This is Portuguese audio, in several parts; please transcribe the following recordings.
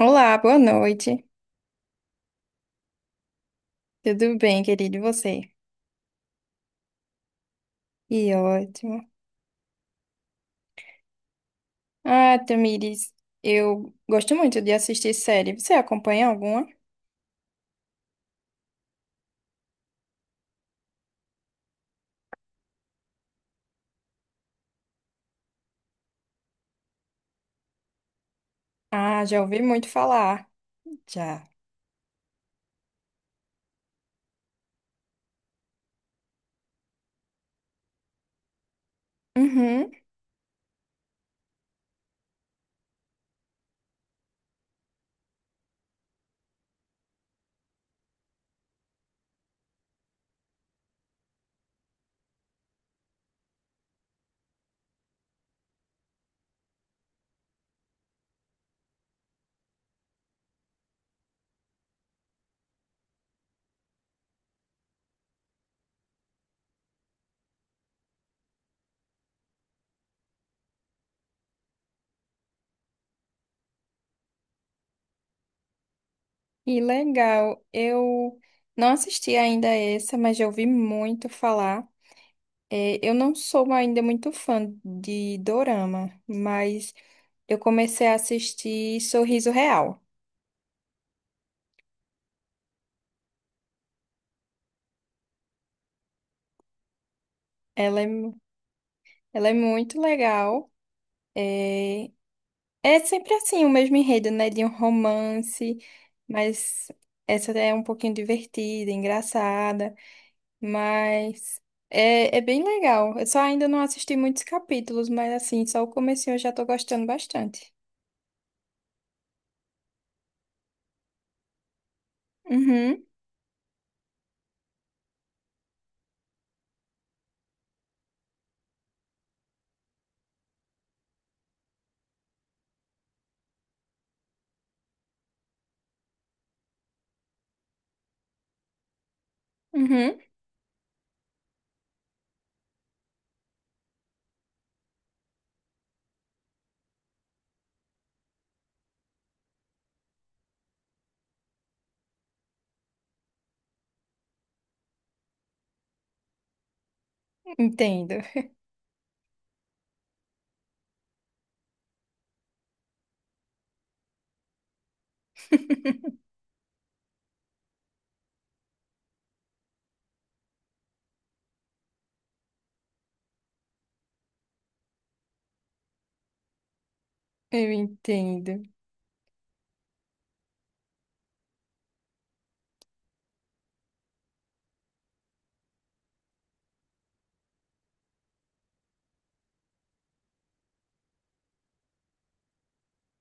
Olá, boa noite. Tudo bem, querido, e você? E ótimo. Ah, Tamires, eu gosto muito de assistir série. Você acompanha alguma? Ah, já ouvi muito falar. Já. Uhum. E legal. Eu não assisti ainda essa, mas já ouvi muito falar. É, eu não sou ainda muito fã de dorama, mas eu comecei a assistir Sorriso Real. Ela é, mu- ela é muito legal. É, É sempre assim, o mesmo enredo, né? De um romance, mas essa é um pouquinho divertida, engraçada, mas é bem legal. Eu só ainda não assisti muitos capítulos, mas assim, só o comecinho eu já tô gostando bastante. Uhum, uhum, entendo. Eu entendo.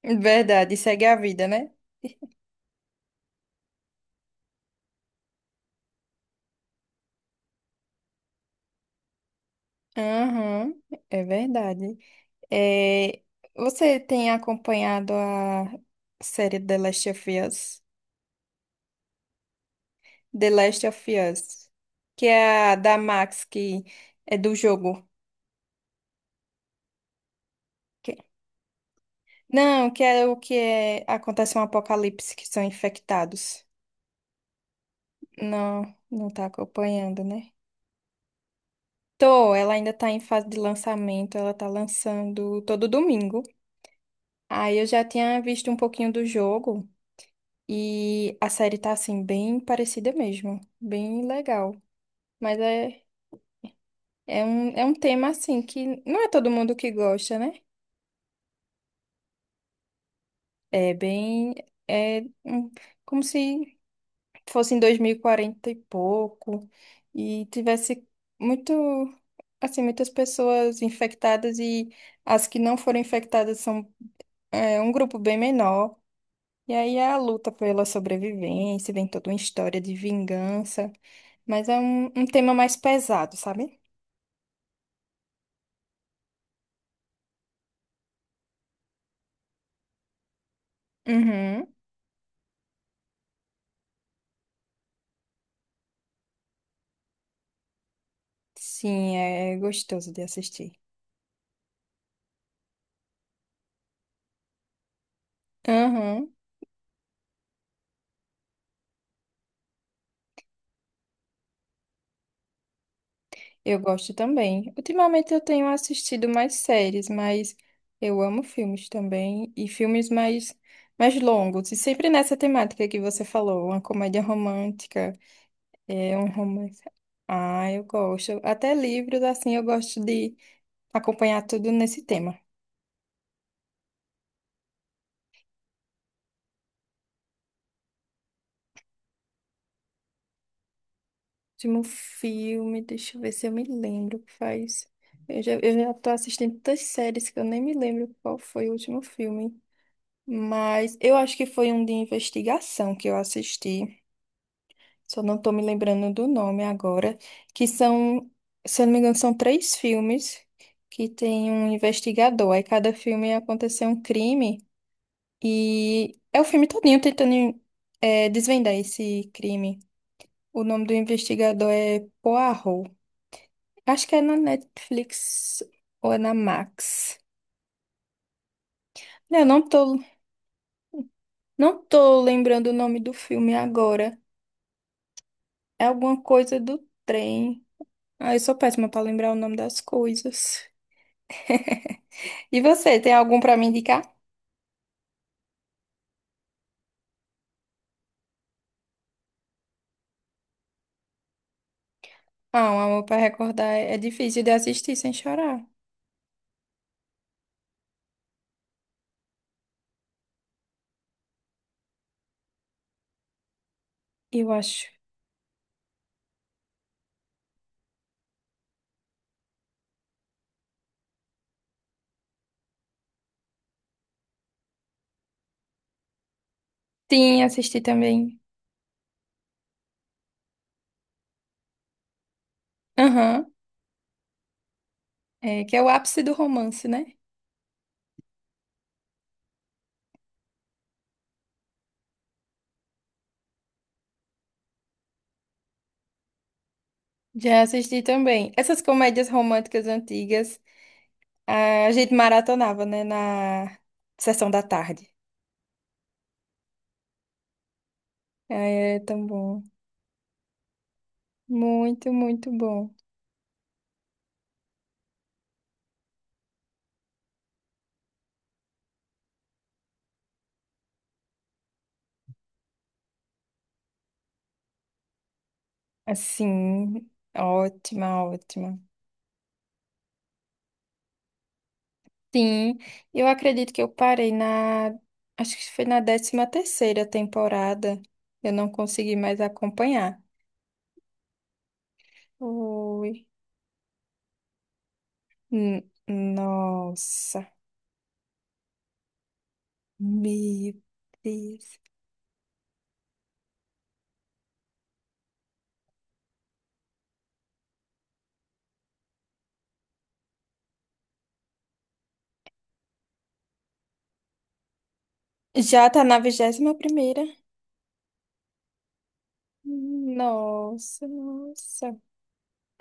Verdade, segue a vida, né? Aham, é verdade. É, você tem acompanhado a série The Last of Us? The Last of Us, que é a da Max, que é do jogo. Que- Não, que é o que é... acontece um apocalipse, que são infectados. Não, não tá acompanhando, né? Tô, ela ainda tá em fase de lançamento, ela tá lançando todo domingo. Aí eu já tinha visto um pouquinho do jogo e a série tá assim, bem parecida mesmo, bem legal. Mas é, é um tema assim que não é todo mundo que gosta, né? É bem. É hum, como se fosse em dois mil e quarenta e pouco, e tivesse muito. Assim, muitas pessoas infectadas, e as que não foram infectadas são um grupo bem menor. E aí é a luta pela sobrevivência, vem toda uma história de vingança, mas é um tema mais pesado, sabe? Uhum. Sim, é gostoso de assistir. Uhum. Eu gosto também. Ultimamente eu tenho assistido mais séries, mas eu amo filmes também e filmes mais longos. E sempre nessa temática que você falou, uma comédia romântica, é um romance. Ah, eu gosto. Até livros assim eu gosto de acompanhar tudo nesse tema. Último filme, deixa eu ver se eu me lembro que faz. Eu já tô assistindo tantas séries que eu nem me lembro qual foi o último filme. Mas eu acho que foi um de investigação que eu assisti. Só não tô me lembrando do nome agora. Que são, se eu não me engano, são três filmes que tem um investigador. Aí cada filme aconteceu um crime. E é o filme todinho tentando desvendar esse crime. O nome do investigador é Poirot. Acho que é na Netflix ou é na Max. Eu não tô, não tô lembrando o nome do filme agora. É alguma coisa do trem. Ah, eu sou péssima pra lembrar o nome das coisas. E você, tem algum pra me indicar? Ah, um amor pra recordar é difícil de assistir sem chorar, eu acho. Sim, assisti também. Aham. É, que é o ápice do romance, né? Já assisti também. Essas comédias românticas antigas, a gente maratonava, né, na sessão da tarde. É tão bom. Muito, muito bom. Assim, ótima, ótima. Sim, eu acredito que acho que foi na 13ª temporada. Eu não consegui mais acompanhar. Ui, N- nossa, meu Deus. Já tá na 21ª. Nossa, nossa.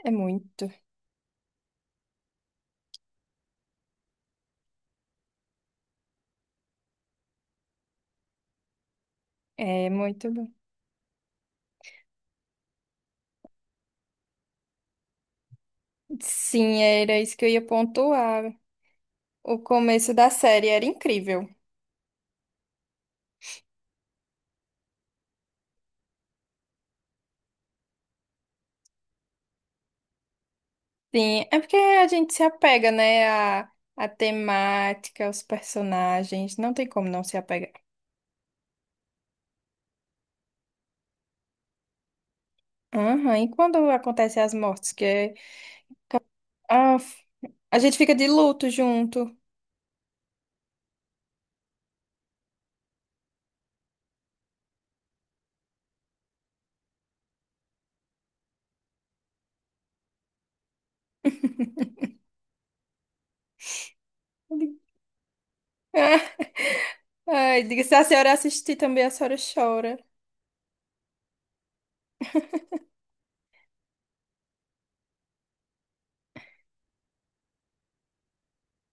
É muito, é muito bom. Sim, era isso que eu ia pontuar. O começo da série era incrível. Sim, é porque a gente se apega, né, à temática, aos personagens, não tem como não se apegar. Aham, e quando acontecem as mortes, que é... Ah, a gente fica de luto junto. Ai, diga, se a senhora assistir também, a senhora chora.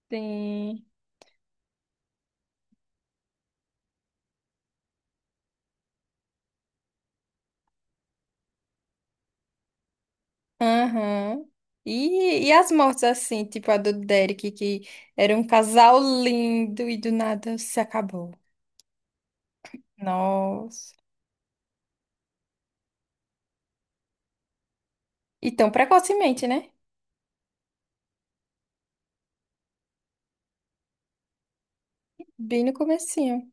Sim. Aham. E as mortes assim, tipo a do Derek, que era um casal lindo e do nada se acabou. Nossa. E tão precocemente, né? Bem no comecinho.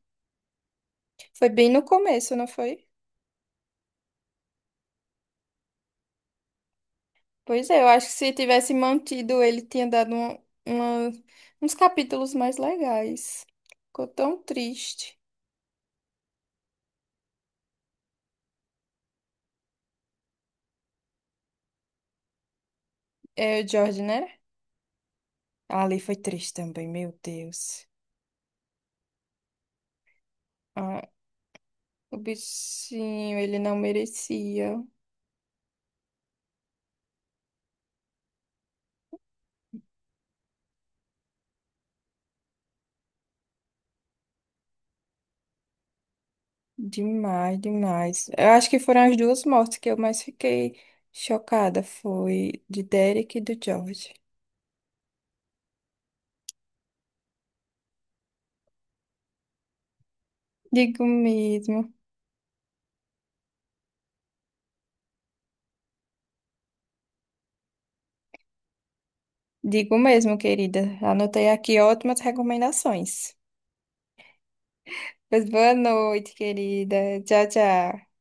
Foi bem no começo, não foi? Pois é, eu acho que se tivesse mantido, ele tinha dado uma- uns capítulos mais legais. Ficou tão triste. É o George, né? Ah, Ali foi triste também, meu Deus. Ah, o bichinho, ele não merecia. Demais, demais. Eu acho que foram as duas mortes que eu mais fiquei chocada. Foi de Derek e do George. Digo mesmo. Digo mesmo, querida. Anotei aqui ótimas recomendações. Pois boa noite, querida. Tchau, tchau.